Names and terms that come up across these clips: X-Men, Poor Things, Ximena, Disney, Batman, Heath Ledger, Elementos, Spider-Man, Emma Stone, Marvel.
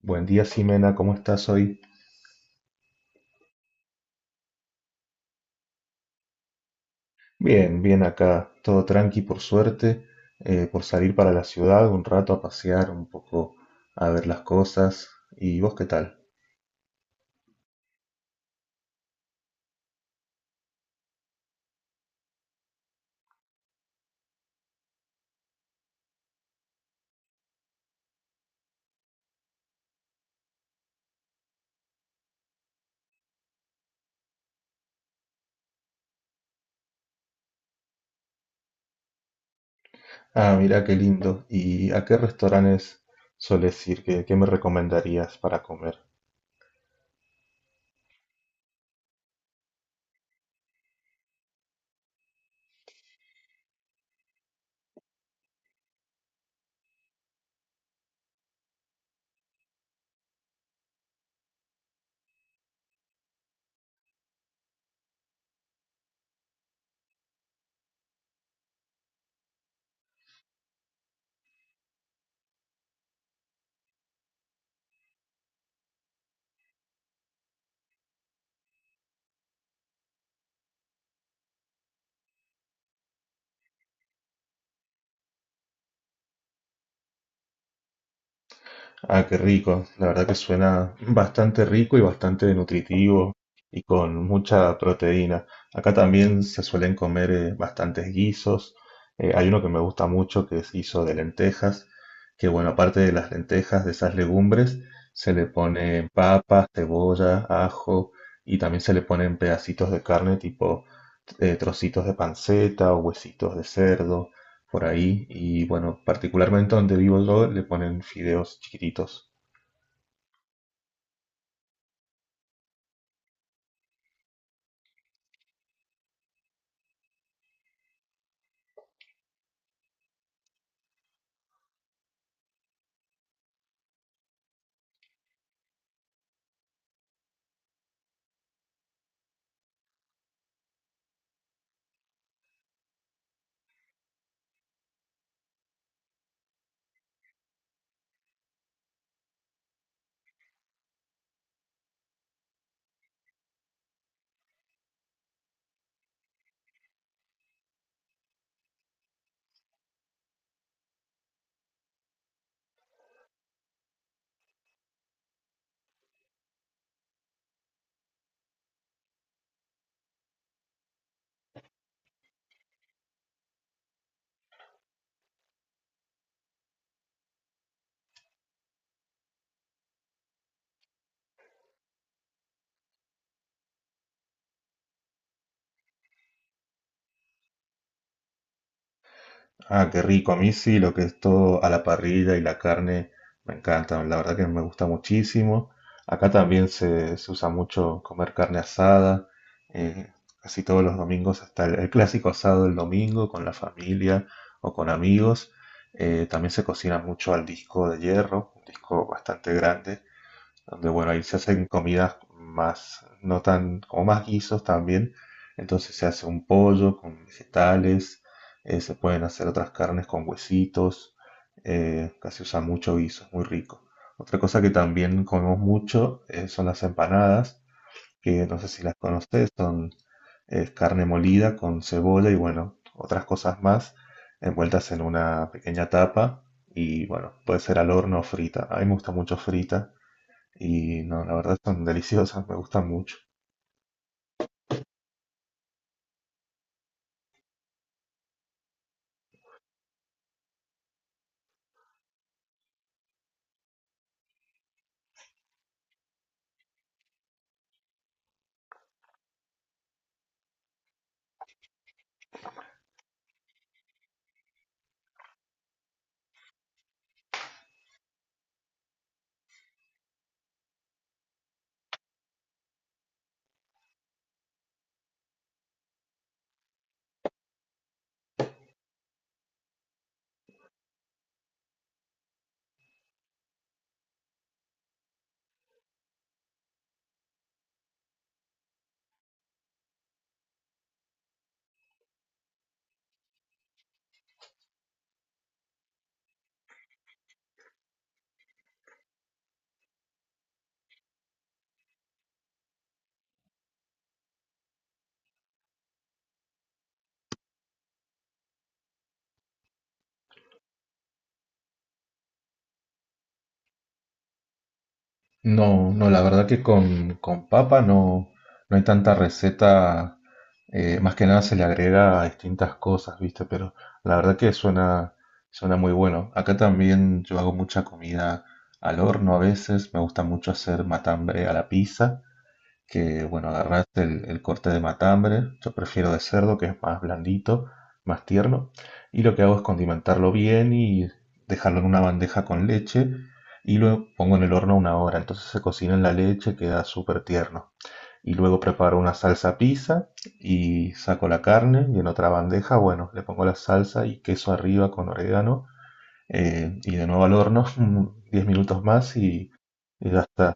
Buen día, Ximena, ¿cómo estás hoy? Bien, bien acá, todo tranqui por suerte, por salir para la ciudad un rato a pasear, un poco a ver las cosas. ¿Y vos qué tal? Ah, mira qué lindo. ¿Y a qué restaurantes sueles ir? ¿Qué me recomendarías para comer? Ah, qué rico. La verdad que suena bastante rico y bastante nutritivo y con mucha proteína. Acá también se suelen comer bastantes guisos. Hay uno que me gusta mucho que es guiso de lentejas, que bueno, aparte de las lentejas, de esas legumbres, se le ponen papas, cebolla, ajo y también se le ponen pedacitos de carne tipo trocitos de panceta o huesitos de cerdo por ahí. Y bueno, particularmente donde vivo yo le ponen fideos chiquititos. Ah, qué rico. A mí sí, lo que es todo a la parrilla y la carne me encanta. La verdad que me gusta muchísimo. Acá también se usa mucho comer carne asada. eh, Casi todos los domingos está el clásico asado del domingo con la familia o con amigos. También se cocina mucho al disco de hierro, un disco bastante grande donde bueno, ahí se hacen comidas más, no tan, como más guisos también. Entonces se hace un pollo con vegetales, se pueden hacer otras carnes con huesitos, casi usa mucho guiso, es muy rico. Otra cosa que también comemos mucho son las empanadas, que no sé si las conoces, son carne molida con cebolla y bueno, otras cosas más envueltas en una pequeña tapa y bueno, puede ser al horno o frita. A mí me gusta mucho frita y no, la verdad están deliciosas, me gustan mucho. No, no, la verdad que con papa no, no hay tanta receta, más que nada se le agrega distintas cosas, ¿viste? Pero la verdad que suena, suena muy bueno. Acá también yo hago mucha comida al horno a veces, me gusta mucho hacer matambre a la pizza. Que, bueno, agarrás el corte de matambre, yo prefiero de cerdo, que es más blandito, más tierno, y lo que hago es condimentarlo bien y dejarlo en una bandeja con leche, y lo pongo en el horno una hora, entonces se cocina en la leche, queda súper tierno. Y luego preparo una salsa pizza y saco la carne y en otra bandeja, bueno, le pongo la salsa y queso arriba con orégano y de nuevo al horno 10 minutos más y ya está.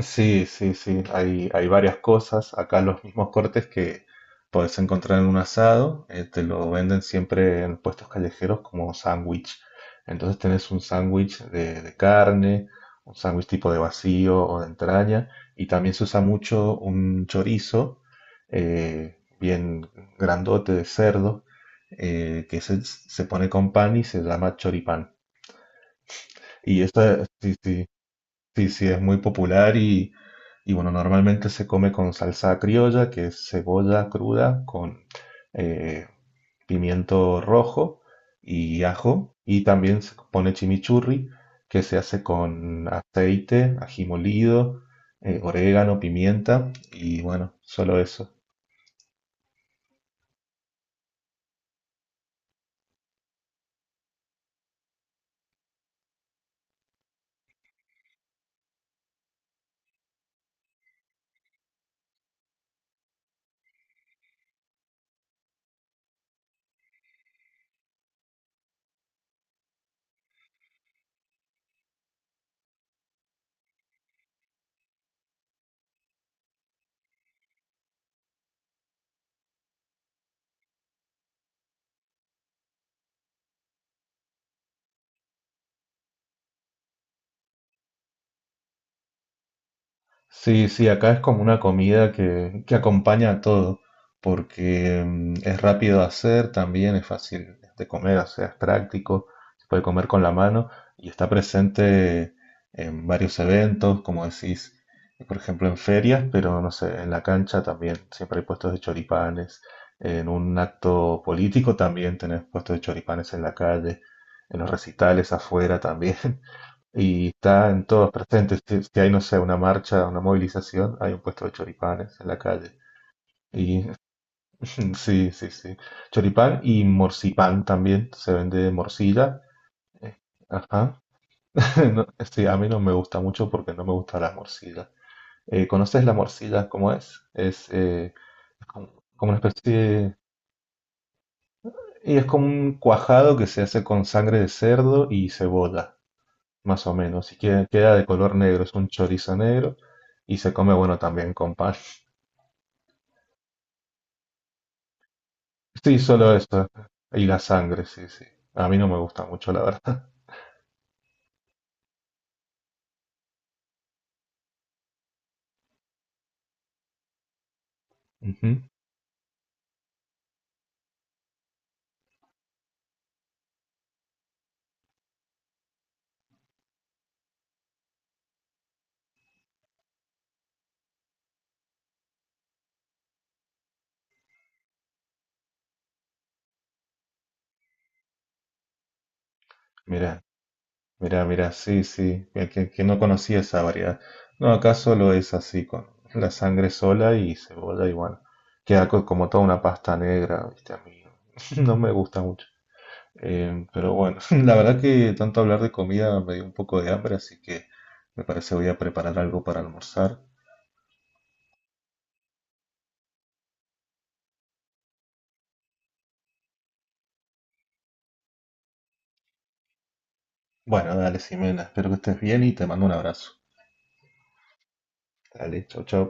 Sí, sí, sí, hay varias cosas. Acá los mismos cortes que puedes encontrar en un asado, te lo venden siempre en puestos callejeros como sándwich. Entonces tenés un sándwich de carne, un sándwich tipo de vacío o de entraña, y también se usa mucho un chorizo bien grandote de cerdo, que se pone con pan y se llama choripán. Y eso, sí, sí, es muy popular y bueno, normalmente se come con salsa criolla, que es cebolla cruda con eh, pimiento rojo y ajo. Y también se pone chimichurri, que se hace con aceite, ají molido, orégano, pimienta y bueno, solo eso. Sí, sí, acá es como una comida que acompaña a todo, porque es rápido de hacer, también es fácil de comer, o sea, es práctico, se puede comer con la mano y está presente en varios eventos, como decís, por ejemplo en ferias, pero no sé, en la cancha también, siempre hay puestos de choripanes, en un acto político también tenés puestos de choripanes en la calle, en los recitales afuera también. Y está en todos presentes. Si, si hay, no sé, una marcha, una movilización, hay un puesto de choripanes en la calle. Y sí, sí, sí. Choripán y morcipán también. Se vende morcilla. Eh, Ajá. No, sí, a mí no me gusta mucho porque no me gusta la morcilla. ¿Conoces la morcilla cómo es? Es como, una especie de- Y es como un cuajado que se hace con sangre de cerdo y cebolla. Más o menos. Y queda de color negro, es un chorizo negro y se come, bueno, también con pan. Sí, solo eso. Y la sangre, sí, sí. A mí no me gusta mucho, la verdad. Ujú. Mira, mira, mira, sí, sí. Que no conocía esa variedad. No, acá solo es así, con la sangre sola y cebolla y bueno. Queda co- como toda una pasta negra, ¿viste? A mí no me gusta mucho. Pero bueno, la verdad que tanto hablar de comida me dio un poco de hambre, así que me parece voy a preparar algo para almorzar. Bueno, dale, Ximena, espero que estés bien y te mando un abrazo. Dale, chau, chau.